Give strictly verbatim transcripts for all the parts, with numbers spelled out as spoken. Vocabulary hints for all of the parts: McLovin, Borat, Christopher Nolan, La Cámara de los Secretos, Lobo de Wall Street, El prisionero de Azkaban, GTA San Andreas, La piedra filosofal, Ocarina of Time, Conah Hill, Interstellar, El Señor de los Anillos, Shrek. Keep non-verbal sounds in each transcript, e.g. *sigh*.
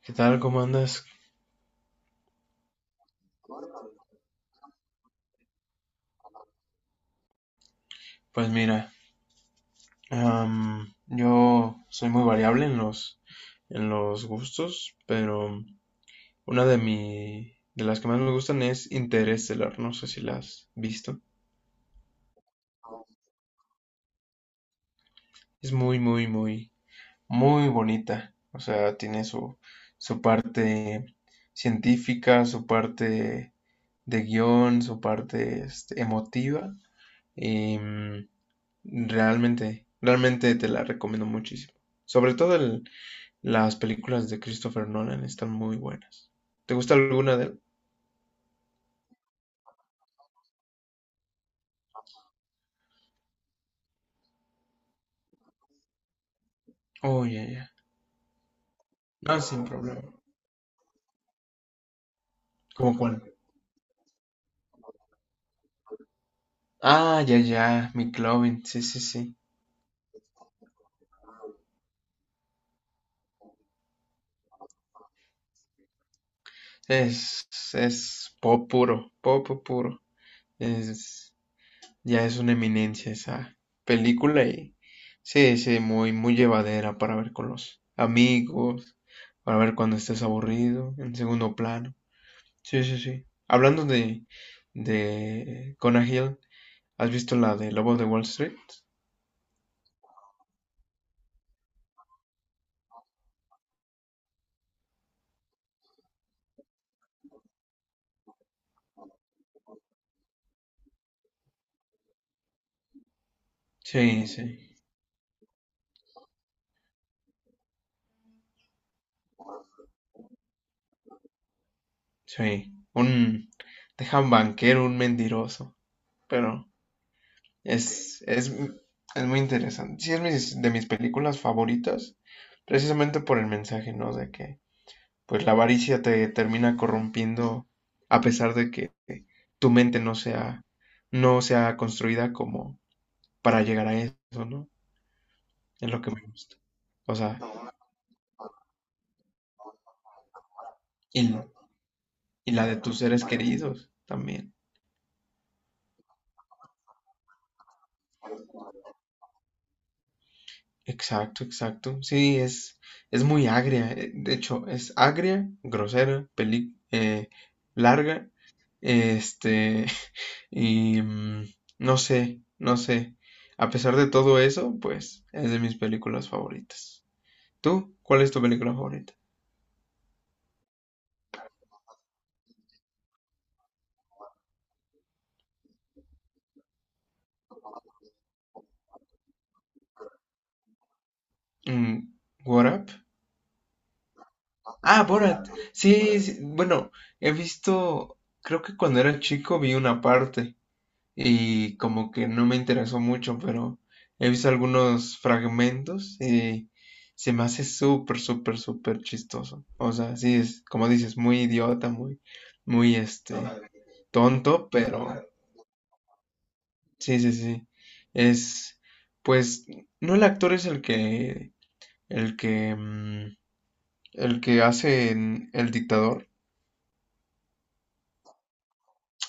¿Qué tal? ¿Cómo andas? Pues mira, am, yo soy muy variable en los, en los gustos, pero una de mi, de las que más me gustan es Interestelar. No sé si la has visto. Es muy, muy, muy, muy bonita. O sea, tiene su, su parte científica, su parte de guión, su parte este, emotiva. Y mm, realmente, realmente te la recomiendo muchísimo. Sobre todo el, las películas de Christopher Nolan están muy buenas. ¿Te gusta alguna de él? Oh, ya, ya. No, sin problema. ¿Cómo cuál? Ah, ya, ya. McLovin. Sí, sí, sí. Es, es pop puro. Pop puro. Es, ya es una eminencia esa película y sí, sí, muy, muy llevadera para ver con los amigos, para ver cuando estés aburrido, en segundo plano. Sí, sí, sí. Hablando de, de Conah Hill, ¿has visto la de Lobo de Wall Street? Sí, sí, sí. Un, deja un banquero, un mentiroso. Pero es, es, es muy interesante. Sí, es mis- de mis películas favoritas, precisamente por el mensaje, ¿no? De que, pues, la avaricia te termina corrompiendo a pesar de que tu mente no sea, no sea construida como para llegar a eso, ¿no? Es lo que me gusta. O sea, y, y la de tus seres queridos también. Exacto, exacto. Sí, es, es muy agria. eh, De hecho, es agria, grosera, peli, eh, larga. Este, *laughs* y mm, no sé, no sé. A pesar de todo eso, pues es de mis películas favoritas. ¿Tú? ¿Cuál es tu película favorita? Mm, What Up? Ah, Borat. Sí, sí, bueno, he visto, creo que cuando era chico vi una parte, y como que no me interesó mucho, pero he visto algunos fragmentos y se me hace súper, súper, súper chistoso. O sea, sí es, como dices, muy idiota, muy, muy este, tonto, pero sí, sí, sí. Es, pues, no, el actor es el que, el que, mm, el que hace en el dictador.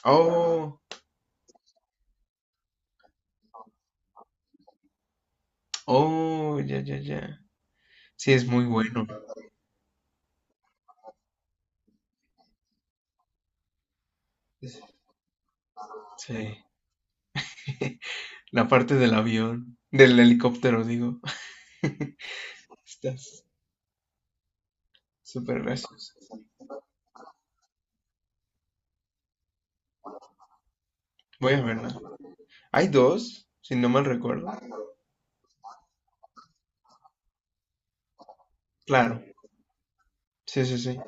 Oh, oh, ya, ya, ya. Sí, es muy bueno. Sí. *laughs* La parte del avión, del helicóptero, digo. *laughs* Estás súper gracioso. Voy a verla. Hay dos, si no mal recuerdo. Claro, sí, sí, sí.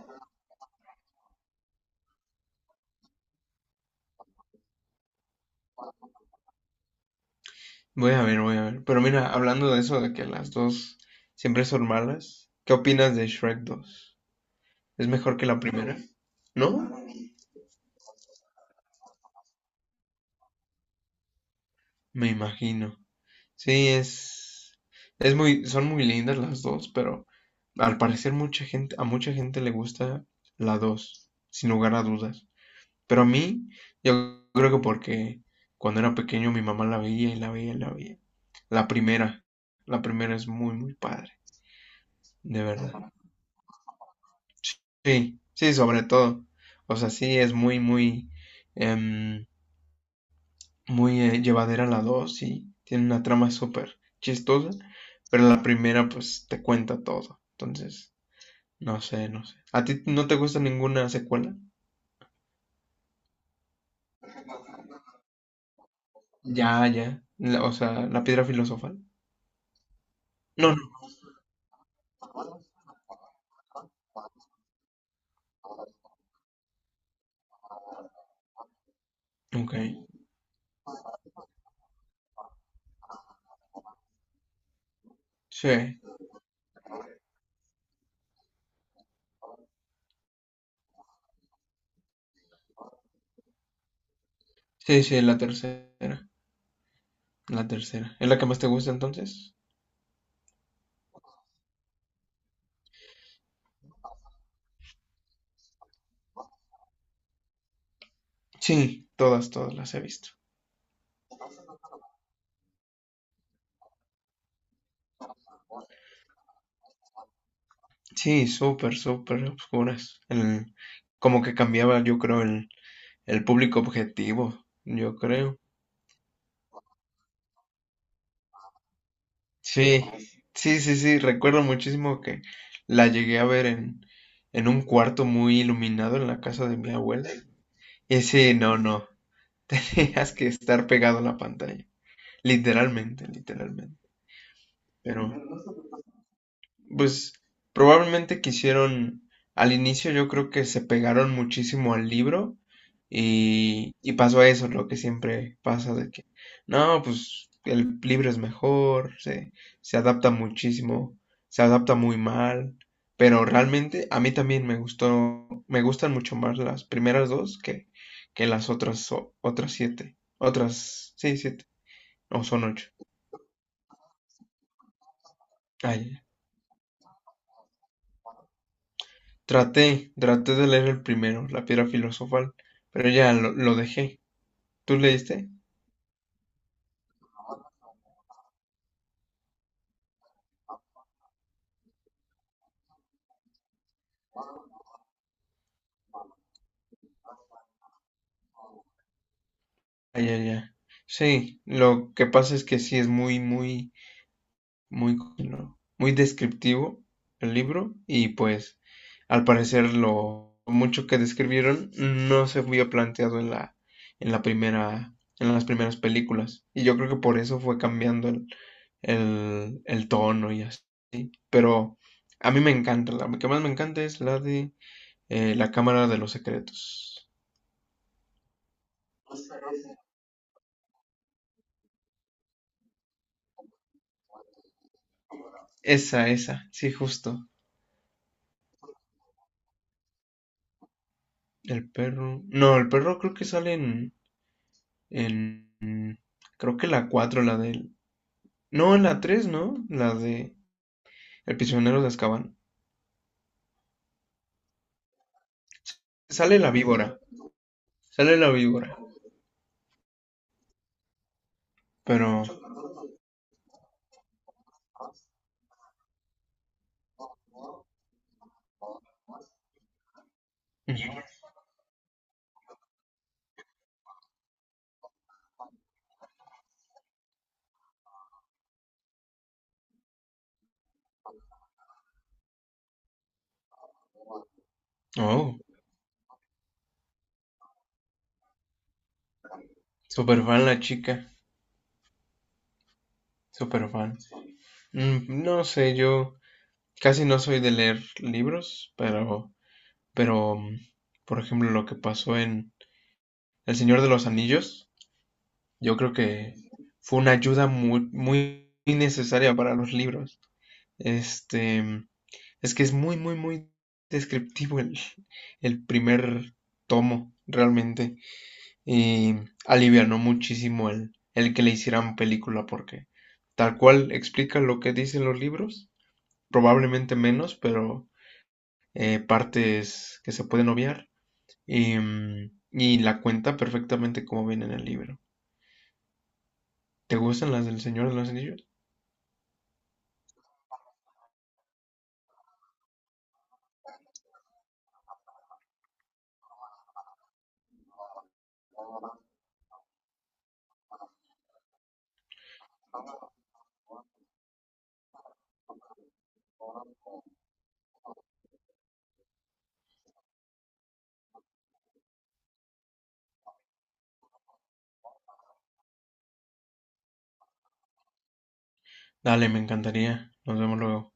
Voy a ver, voy a ver. Pero mira, hablando de eso, de que las dos siempre son malas, ¿qué opinas de Shrek dos? ¿Es mejor que la primera? ¿No? Me imagino. Sí, es, es muy, son muy lindas las dos, pero al parecer mucha gente, a mucha gente le gusta la dos, sin lugar a dudas. Pero a mí, yo creo que porque cuando era pequeño mi mamá la veía y la veía y la veía. La primera, la primera es muy, muy padre, de verdad. Sí, sí, sobre todo. O sea, sí, es muy, muy, em, muy eh, llevadera la dos y tiene una trama súper chistosa, pero la primera pues te cuenta todo. Entonces, no sé, no sé. ¿A ti no te gusta ninguna secuela? Ya, ya. La- o sea, la piedra filosofal. No, no. Ok. Sí, sí, sí, la tercera, la tercera. ¿Es la que más te gusta entonces? Sí, todas, todas las he visto. Sí, súper, súper oscuras. El- como que cambiaba, yo creo, el, el público objetivo, yo creo. Sí, sí, sí, sí, recuerdo muchísimo que la llegué a ver en, en un cuarto muy iluminado en la casa de mi abuela. Y sí, no, no, *laughs* tenías que estar pegado a la pantalla, literalmente, literalmente. Pero... pues probablemente quisieron, al inicio yo creo que se pegaron muchísimo al libro y, y pasó eso, lo que siempre pasa de que, no, pues el libro es mejor, se, se adapta muchísimo, se adapta muy mal, pero realmente a mí también me gustó, me gustan mucho más las primeras dos que, que las otras, o- otras siete, otras, sí, siete, o son ocho. Ay, Traté, traté de leer el primero, La piedra filosofal, pero ya lo, lo dejé. ¿Tú leíste? Ah, ya, ya. Sí, lo que pasa es que sí es muy, muy, muy, ¿no?, muy descriptivo el libro y pues al parecer lo mucho que describieron no se había planteado en la, en la primera, en las primeras películas. Y yo creo que por eso fue cambiando el, el, el tono y así. Pero a mí me encanta, la que más me encanta es la de Eh, la Cámara de los Secretos. Esa, esa, sí, justo. El perro. No, el perro creo que sale en. en creo que la cuatro la del. No, en la tres, ¿no? La de el prisionero de Azkaban. Sale la víbora. Sale la víbora. Pero... mm, oh, super fan la chica. Super fan. Mm, No sé, yo casi no soy de leer libros, pero... pero mm, por ejemplo, lo que pasó en El Señor de los Anillos. Yo creo que fue una ayuda muy, muy necesaria para los libros. Este, es que es muy, muy, muy descriptivo el, el primer tomo, realmente. Y alivianó muchísimo el, el que le hicieran película, porque tal cual explica lo que dicen los libros, probablemente menos, pero eh, partes que se pueden obviar. Y, mm, y la cuenta perfectamente como viene en el libro. ¿Te gustan las del Señor de los Anillos? Dale, me encantaría. Nos vemos luego.